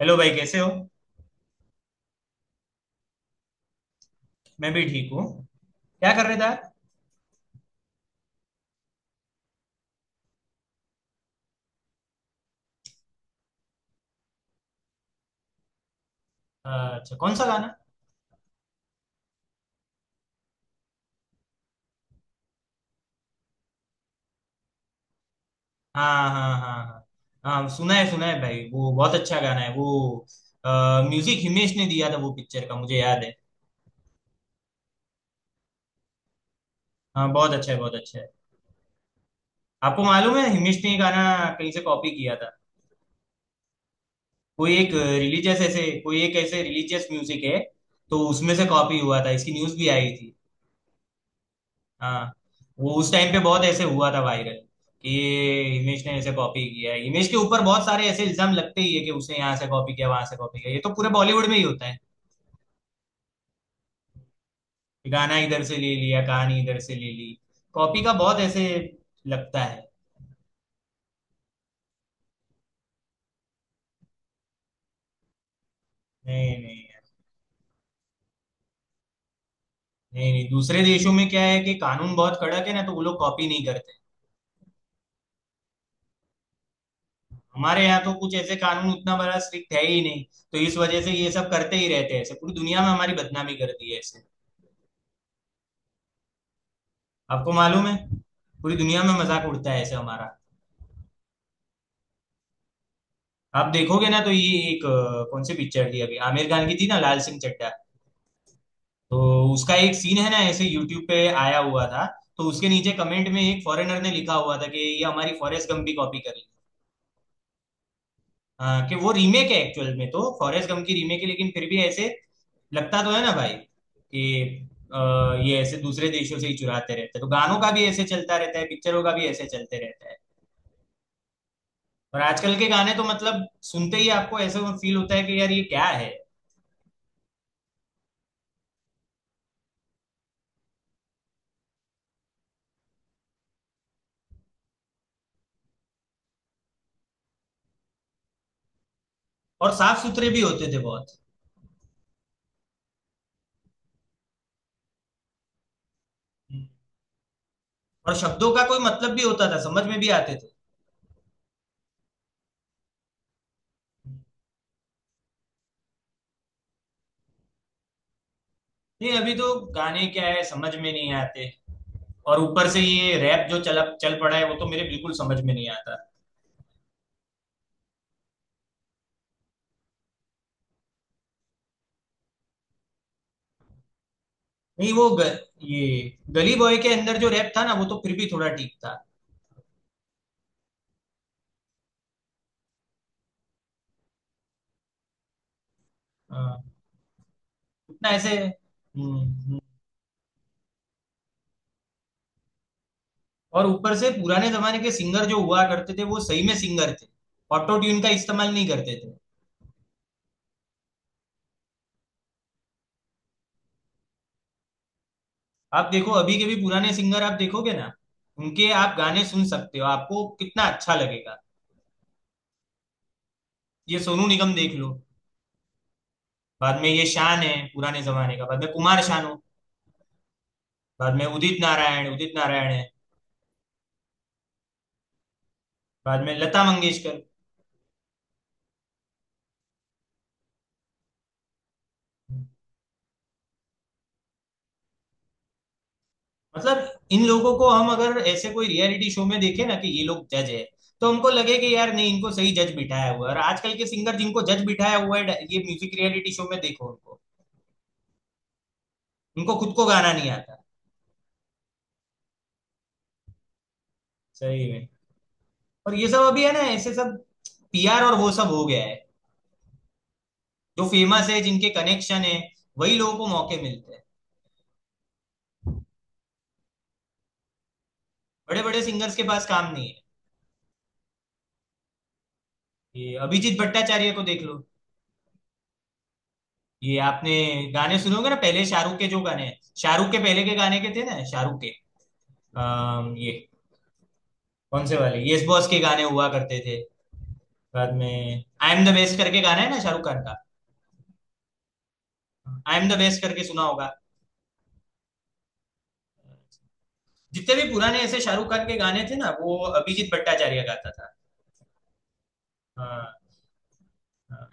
Hello भाई कैसे हो। मैं भी ठीक हूँ। क्या कर रहे थे आप। अच्छा कौन सा गाना। हाँ हाँ हाँ हाँ, हाँ सुना है भाई, वो बहुत अच्छा गाना है वो। म्यूजिक हिमेश ने दिया था वो पिक्चर का मुझे याद है। हाँ बहुत अच्छा है बहुत अच्छा है। आपको मालूम है हिमेश ने ये गाना कहीं से कॉपी किया था। कोई एक रिलीजियस ऐसे कोई एक ऐसे रिलीजियस म्यूजिक है, तो उसमें से कॉपी हुआ था, इसकी न्यूज भी आई थी। हाँ वो उस टाइम पे बहुत ऐसे हुआ था वायरल कि ये हिमेश ने ऐसे कॉपी किया है। हिमेश के ऊपर बहुत सारे ऐसे इल्जाम लगते ही है कि उसने यहाँ से कॉपी किया वहां से कॉपी किया, ये तो पूरे बॉलीवुड में ही होता है कि गाना इधर से ले लिया कहानी इधर से ले ली। कॉपी का बहुत ऐसे लगता है। नहीं नहीं यार, नहीं नहीं, दूसरे देशों में क्या है कि कानून बहुत कड़क है ना, तो वो लोग कॉपी नहीं करते। हमारे यहाँ तो कुछ ऐसे कानून उतना बड़ा स्ट्रिक्ट है ही नहीं, तो इस वजह से ये सब करते ही रहते हैं। ऐसे पूरी दुनिया में हमारी बदनामी कर दी है ऐसे। आपको मालूम है पूरी दुनिया में मजाक उड़ता है ऐसे हमारा। आप देखोगे ना तो ये एक कौन सी पिक्चर थी अभी आमिर खान की थी ना, लाल सिंह चड्ढा। तो उसका एक सीन है ना ऐसे यूट्यूब पे आया हुआ था, तो उसके नीचे कमेंट में एक फॉरेनर ने लिखा हुआ था कि ये हमारी फॉरेस्ट गम भी कॉपी कर ली। हाँ, कि वो रीमेक है, एक्चुअल में तो फॉरेस्ट गम की रीमेक है, लेकिन फिर भी ऐसे लगता तो है ना भाई कि अ, ये ऐसे दूसरे देशों से ही चुराते रहते हैं, तो गानों का भी ऐसे चलता रहता है, पिक्चरों का भी ऐसे चलते रहता है। और आजकल के गाने तो मतलब सुनते ही आपको ऐसे फील होता है कि यार ये क्या है। और साफ सुथरे भी होते थे बहुत। और शब्दों का कोई मतलब भी होता था, समझ में भी आते थे। नहीं अभी तो गाने क्या है समझ में नहीं आते। और ऊपर से ये रैप जो चल चल पड़ा है, वो तो मेरे बिल्कुल समझ में नहीं आता। नहीं वो ग, ये गली बॉय के अंदर जो रैप था ना, वो तो फिर भी थोड़ा ठीक था। हाँ, उतना ऐसे और ऊपर से पुराने जमाने के सिंगर जो हुआ करते थे वो सही में सिंगर थे, ऑटो ट्यून का इस्तेमाल नहीं करते थे। आप देखो अभी के भी पुराने सिंगर आप देखोगे ना, उनके आप गाने सुन सकते हो, आपको कितना अच्छा लगेगा। ये सोनू निगम देख लो। बाद में ये शान है पुराने जमाने का, बाद में कुमार शानू, बाद में उदित नारायण, उदित नारायण है। बाद में लता मंगेशकर। मतलब इन लोगों को हम अगर ऐसे कोई रियलिटी शो में देखे ना कि ये लोग जज है, तो हमको लगे कि यार नहीं, इनको सही जज बिठाया हुआ है। और आजकल के सिंगर जिनको जज बिठाया हुआ है ये म्यूजिक रियलिटी शो में, देखो उनको, उनको खुद को गाना नहीं आता। सही में। और ये सब अभी है ना ऐसे सब पीआर और वो सब हो गया है। जो फेमस है जिनके कनेक्शन है, वही लोगों को मौके मिलते हैं। बड़े बड़े सिंगर्स के पास काम नहीं है। ये अभिजीत भट्टाचार्य को देख लो। ये आपने गाने सुने होंगे ना, पहले शाहरुख के जो गाने हैं, शाहरुख के पहले के गाने के थे ना शाहरुख के। ये कौन से वाले यस बॉस के गाने हुआ करते थे। बाद में आई एम द बेस्ट करके गाना है ना शाहरुख खान का, आई एम द बेस्ट करके सुना होगा। जितने भी पुराने ऐसे शाहरुख खान के गाने थे ना वो अभिजीत भट्टाचार्य गाता था। हाँ हाँ।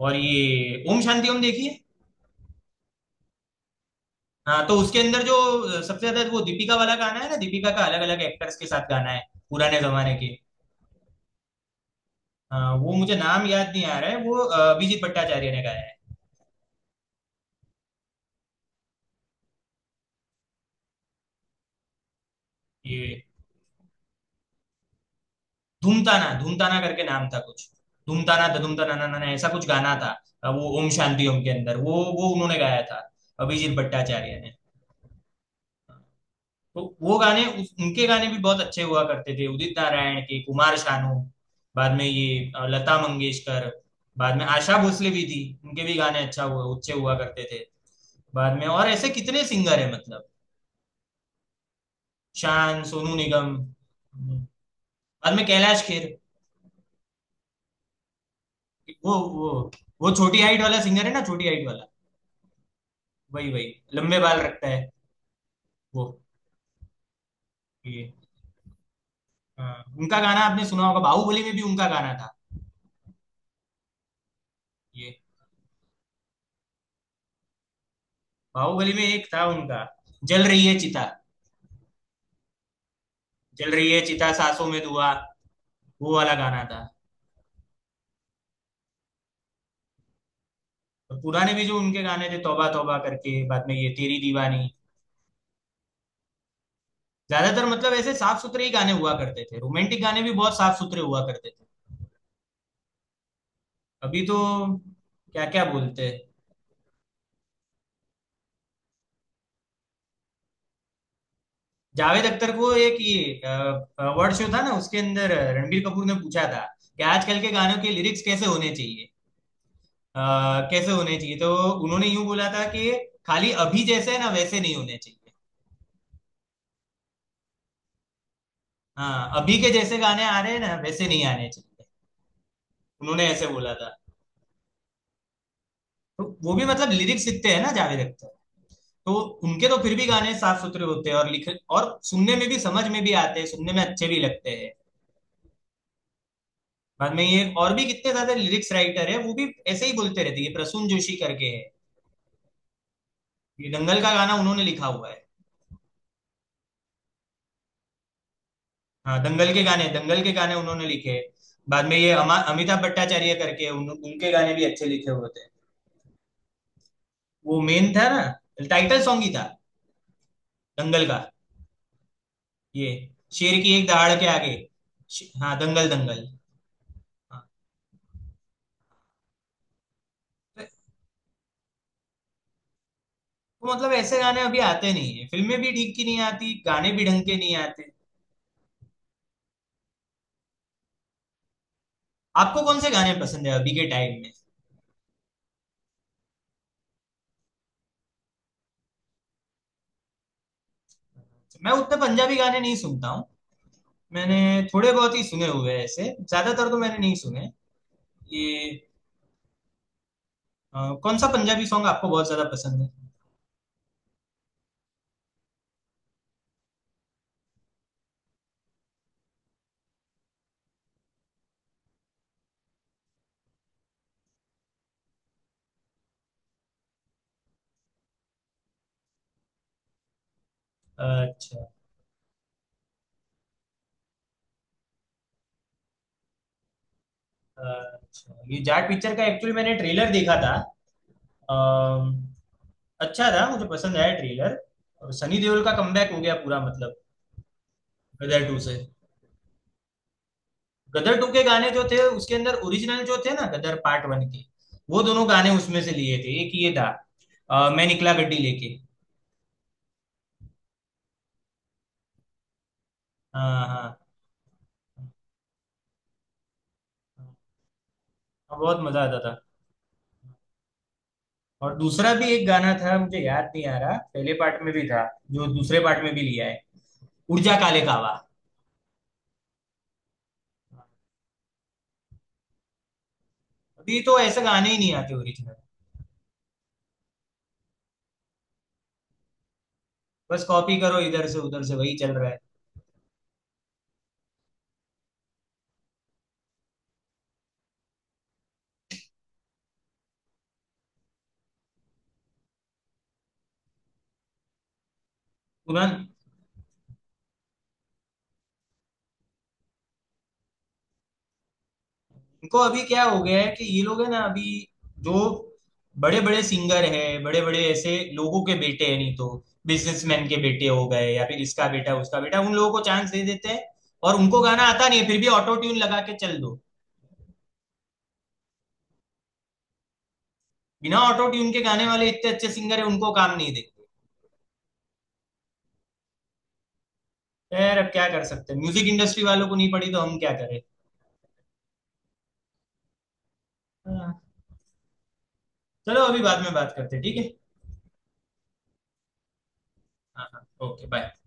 और ये ओम शांति ओम देखिए। हाँ तो उसके अंदर जो सबसे ज्यादा वो दीपिका वाला गाना है ना, दीपिका का अलग अलग एक्टर्स के साथ गाना है पुराने जमाने के। हाँ, वो मुझे नाम याद नहीं आ रहा है, वो अभिजीत भट्टाचार्य ने गाया है। ये धूमताना धूमताना करके नाम था कुछ। धूमताना था धूमताना ना ना ना ऐसा कुछ गाना था। वो ओम शांति ओम के अंदर वो उन्होंने गाया था, अभिजीत भट्टाचार्य ने। तो वो गाने उनके गाने भी बहुत अच्छे हुआ करते थे, उदित नारायण के, कुमार शानू। बाद में ये लता मंगेशकर। बाद में आशा भोसले भी थी, उनके भी गाने अच्छा हुआ अच्छे हुआ करते थे। बाद में और ऐसे कितने सिंगर है मतलब, शान, सोनू निगम, हम्म, बाद में कैलाश खेर। वो वो वो छोटी हाइट वाला सिंगर है ना, छोटी हाइट वाला, वही वही, लंबे बाल रखता है वो। ये हाँ, उनका गाना आपने सुना होगा, बाहुबली में भी उनका गाना था। ये बाहुबली में एक था उनका, जल रही है चिता, जल रही है चिता सांसों में धुआं, वो वाला गाना था। और पुराने भी जो उनके गाने थे, तौबा तौबा करके, बाद में ये तेरी दीवानी। ज्यादातर मतलब ऐसे साफ सुथरे ही गाने हुआ करते थे, रोमांटिक गाने भी बहुत साफ सुथरे हुआ करते थे। अभी तो क्या क्या बोलते हैं। जावेद अख्तर को एक ये अवार्ड शो था ना उसके अंदर रणबीर कपूर ने पूछा था कि आजकल के गानों के लिरिक्स कैसे होने चाहिए, अ, कैसे होने चाहिए। तो उन्होंने यूं बोला था कि खाली अभी जैसे है ना वैसे नहीं होने चाहिए। हाँ अभी के जैसे गाने आ रहे हैं ना वैसे नहीं आने चाहिए, उन्होंने ऐसे बोला था। तो वो भी मतलब लिरिक्स लिखते हैं ना जावेद अख्तर, तो उनके तो फिर भी गाने साफ सुथरे होते हैं और लिख और सुनने में भी समझ में भी आते हैं, सुनने में अच्छे भी लगते हैं। बाद में ये और भी कितने सारे लिरिक्स राइटर है वो भी ऐसे ही बोलते रहते हैं, ये प्रसून जोशी करके है, ये दंगल का गाना उन्होंने लिखा हुआ है। हाँ दंगल के गाने, दंगल के गाने उन्होंने लिखे हैं। बाद में ये अमिताभ भट्टाचार्य करके उनके गाने भी अच्छे लिखे हुए थे। वो मेन था ना, टाइटल सॉन्ग ही था दंगल का, ये शेर की एक दहाड़ के आगे। हाँ दंगल दंगल। हाँ तो मतलब ऐसे गाने अभी आते नहीं है, फिल्में भी ठीक की नहीं आती, गाने भी ढंग के नहीं आते। आपको कौन से गाने पसंद है अभी के टाइम में। मैं उतने पंजाबी गाने नहीं सुनता हूँ, मैंने थोड़े बहुत ही सुने हुए हैं ऐसे, ज्यादातर तो मैंने नहीं सुने। ये अ, कौन सा पंजाबी सॉन्ग आपको बहुत ज्यादा पसंद है। अच्छा अच्छा, ये जाट पिक्चर का एक्चुअली मैंने ट्रेलर देखा था, अम, अच्छा था मुझे पसंद आया ट्रेलर। और सनी देओल का कमबैक हो गया पूरा मतलब, गदर टू से। गदर टू के गाने जो थे उसके अंदर ओरिजिनल जो थे ना गदर पार्ट वन के, वो दोनों गाने उसमें से लिए थे। एक ये था मैं निकला गड्डी लेके। हाँ हाँ, हाँ, बहुत मजा आता था। और दूसरा भी एक गाना था, मुझे याद नहीं आ रहा, पहले पार्ट में भी था जो दूसरे पार्ट में भी लिया है, ऊर्जा काले कावा। अभी तो ऐसे गाने ही नहीं आते ओरिजिनल, बस कॉपी करो इधर से उधर से, वही चल रहा है पुराना। इनको अभी क्या हो गया है कि ये लोग है ना अभी जो बड़े बड़े सिंगर हैं, बड़े बड़े ऐसे लोगों के बेटे हैं, नहीं तो बिजनेसमैन के बेटे हो गए, या फिर इसका बेटा उसका बेटा, उन लोगों को चांस दे देते हैं। और उनको गाना आता नहीं है, फिर भी ऑटो ट्यून लगा के चल दो। बिना ऑटो ट्यून के गाने वाले इतने अच्छे सिंगर है उनको काम नहीं देते। यार अब क्या कर सकते हैं, म्यूजिक इंडस्ट्री वालों को नहीं पड़ी तो हम क्या करें। हाँ, चलो अभी बाद में बात करते हैं, ठीक है। हाँ हाँ ओके बाय।